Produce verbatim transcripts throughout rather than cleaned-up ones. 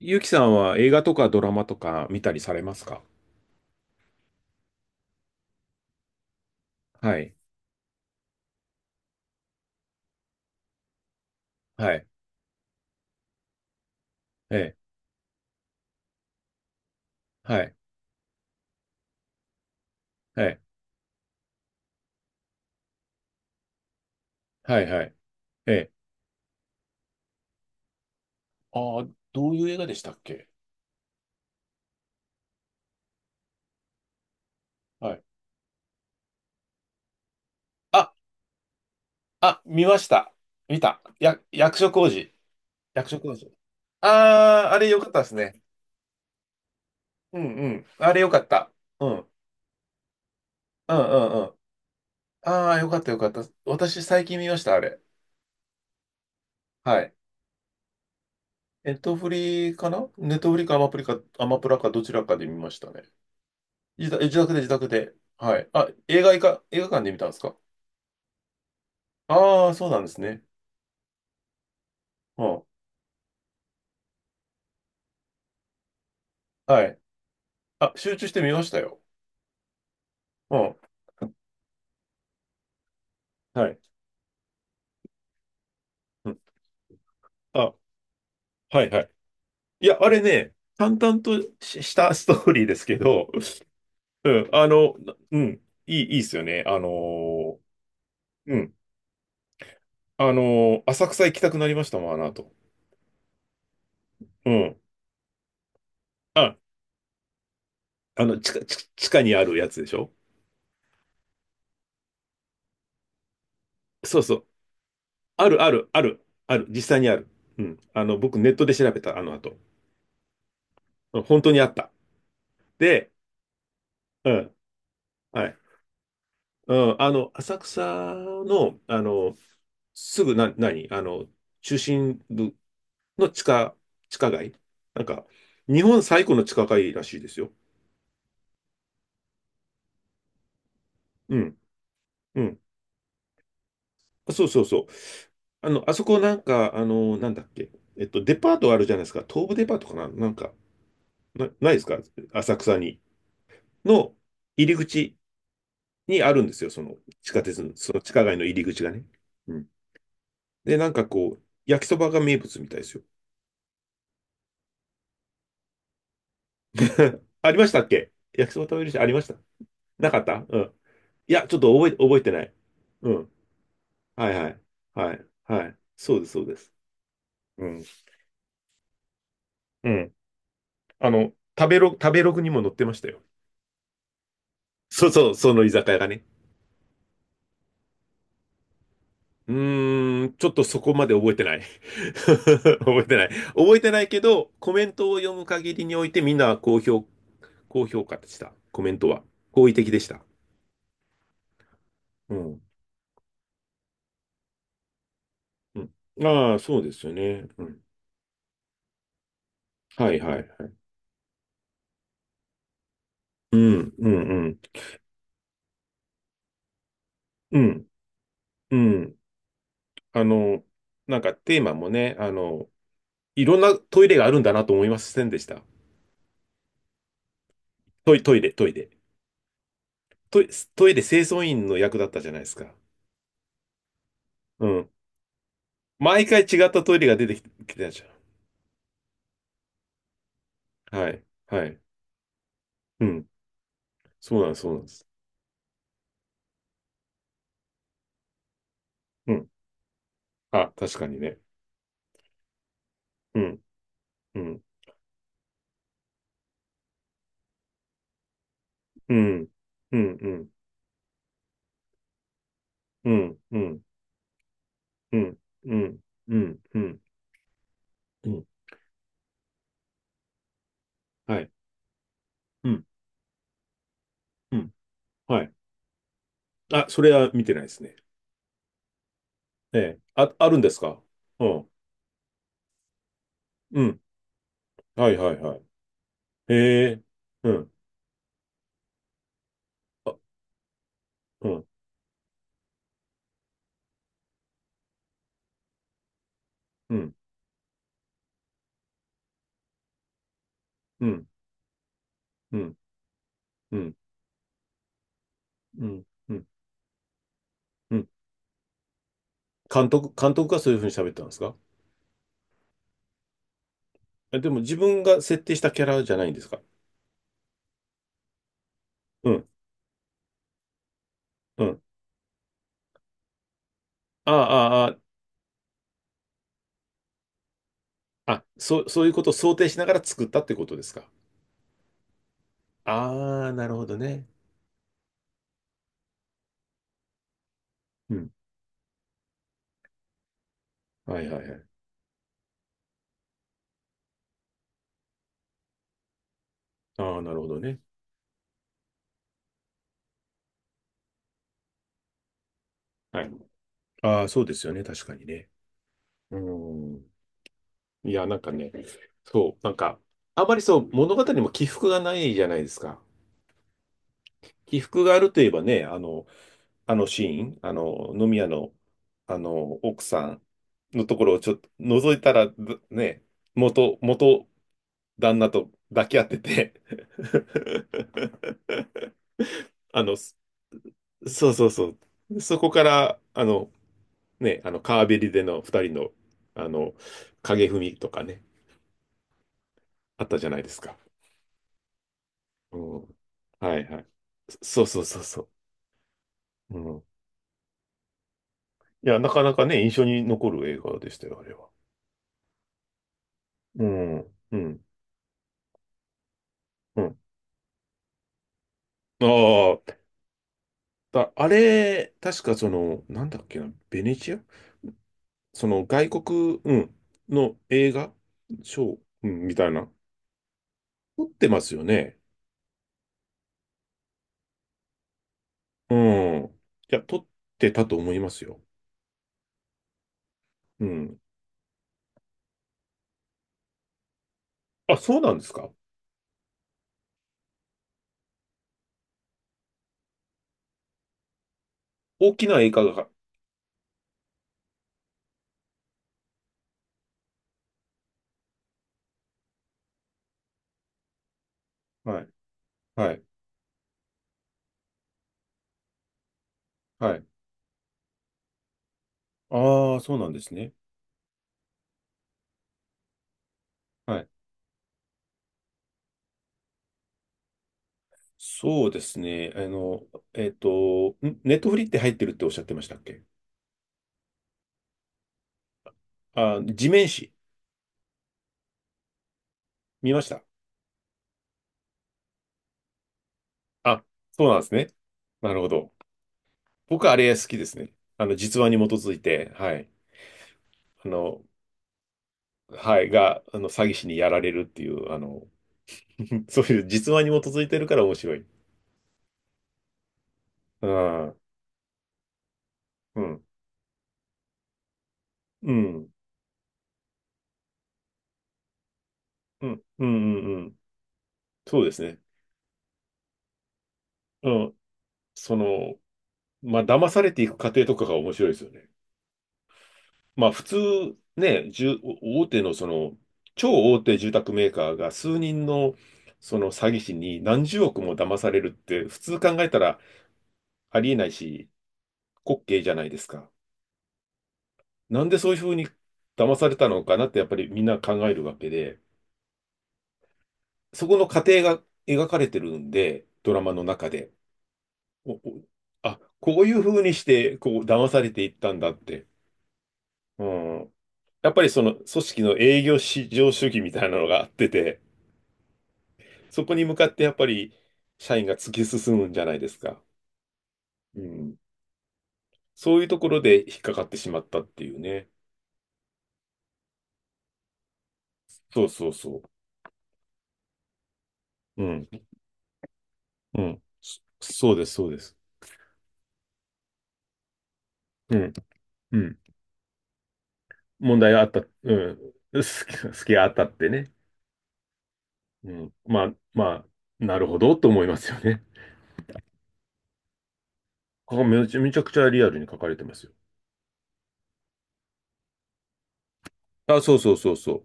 ゆうきさんは映画とかドラマとか見たりされますか？はい。はい。ええ。はい。はい。はい。はい。ええ。ああ、どういう映画でしたっけ？はい。あ、あ、見ました。見た。や、役所広司。役所広司。ああ、あれよかったですね。うんうん。あれよかった。うん。うんうんうん。ああ、よかったよかった。私最近見ました、あれ。はい。ネットフリかな、ネットフリかアマプリか、アマプラかどちらかで見ましたね。自宅、自宅で、自宅で。はい。あ、映画いか、映画館で見たんですか？ああー、そうなんですね。うん。はい。あ、集中して見ましたよ。うん。はい。うん。あ、はいはい。いや、あれね、淡々とし、したストーリーですけど、うん、あの、なうん、いい、いいっすよね。あのーうん、あのー浅草行きたくなりましたもん、あの後。うん。あ、あの、地下、地下地下にあるやつでしょ？そうそう。ある、ある、ある、ある。実際にある。うん。あの、僕ネットで調べた、あの後。うん、本当にあった。で、うん、はい。うん、あの、浅草の、あの、すぐな、何あの、中心部の地下、地下街なんか、日本最古の地下街らしいですよ。うん、うん。そうそうそう。あの、あそこなんか、あの、なんだっけ。えっと、デパートあるじゃないですか。東武デパートかななんか、な、ないですか、浅草に。の入り口にあるんですよ。その地下鉄の、その地下街の入り口がね。うん。で、なんかこう、焼きそばが名物みたいですよ。ありましたっけ焼きそば食べるし、ありました？なかった、うん。いや、ちょっと覚え、覚えてない。うん。はいはい。はい。はい。そうです、そうです。うん。うん。あの、食べロ、食べログにも載ってましたよ。そうそう、その居酒屋がね。うーん、ちょっとそこまで覚えてない。覚えてない。覚えてないけど、コメントを読む限りにおいてみんなは高評、高評価でした。コメントは。好意的でした。うん。うん。ああ、そうですよね。うん。はいはいはい。うん、うん、うん。うん、うん。あの、なんかテーマもね、あの、いろんなトイレがあるんだなと思いませんでした？トイ、トイレ、トイレ。トイ、トイレ清掃員の役だったじゃないですか。うん。毎回違ったトイレが出てききてたじゃん。はい、はい。うん。そうなんです、そうなんです。うん。あ、確かにね。うん、うん、うん、うん、うん、うん、うん、うん、うん、うん、うん、うん、はい。うん、うん、はい。あ、それは見てないですね。ええ。あ、あるんですか？うん。うん。はいはいはい。へえ。うん。あ、うん。うん。うん。うん。うん。うん。うん。うん。監督、監督がそういうふうに喋ったんですか？え、でも自分が設定したキャラじゃないんですか？うん。うん。ああ、ああ、あ、そう、そういうことを想定しながら作ったってことですか？ああ、なるほどね。うん。はいはいはい。ああ、なるほどね。はい。ああ、そうですよね。確かにね。うん。いや、なんかね、そう、なんか、あまりそう、物語にも起伏がないじゃないですか。起伏があるといえばね、あの、あのシーン、あの、飲み屋の、あの、奥さんのところをちょっと覗いたら、ぶね、元、元旦那と抱き合ってて。 あの、そ、そうそうそう。そこから、あの、ね、あの、川べりでの二人の、あの、影踏みとかね、あったじゃないですか。うん。はいはい。そ、そうそうそうそう。うん。いや、なかなかね、印象に残る映画でしたよ、あれは。うん。うん。うん。ああ、だ、あれ、確かその、なんだっけな、ベネチア、その外国、うん、の映画賞、うん、みたいな。撮ってますよね。うん。いや、撮ってたと思いますよ。うん。あ、そうなんですか？大きな映画が。はい。はい。はい。ああ、そうなんですね。はい。そうですね。あの、えっと、んネットフリって入ってるっておっしゃってましたっけ？あ、地面師、見ました？あ、そうなんですね。なるほど。僕はあれ好きですね。あの、実話に基づいて、はい。あの、はい、が、あの、詐欺師にやられるっていう、あの、そういう実話に基づいてるから面白い。うん、うん、うん、うん、うん、うん。うん、そうですね。うん。その、まあ、騙されていく過程とかが面白いですよね。まあ普通ね、住大手のその、超大手住宅メーカーが数人のその詐欺師に何十億も騙されるって普通考えたらありえないし、滑稽じゃないですか。なんでそういうふうに騙されたのかなってやっぱりみんな考えるわけで、そこの過程が描かれてるんで、ドラマの中で。おお、あ、こういうふうにしてこう騙されていったんだって。うん。やっぱりその組織の営業至上主義みたいなのがあってて、そこに向かってやっぱり社員が突き進むんじゃないですか。うん。そういうところで引っかかってしまったっていうね。そうそうそう。うん。うん。そ、そうです、そうです。うん。うん。問題があった。うん。好き、好きがあったってね。うん。まあ、まあ、なるほどと思いますよね。ここめちゃめちゃくちゃリアルに書かれてますよ。あ、そうそうそうそ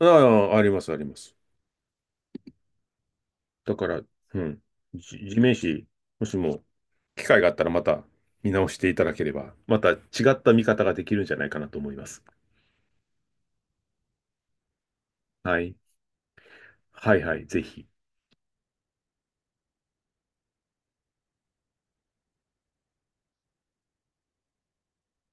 う。ああ、あります、あります。だから、うん、じ地面師、もしも機会があったらまた見直していただければ、また違った見方ができるんじゃないかなと思います。はい。はいはい、ぜひ。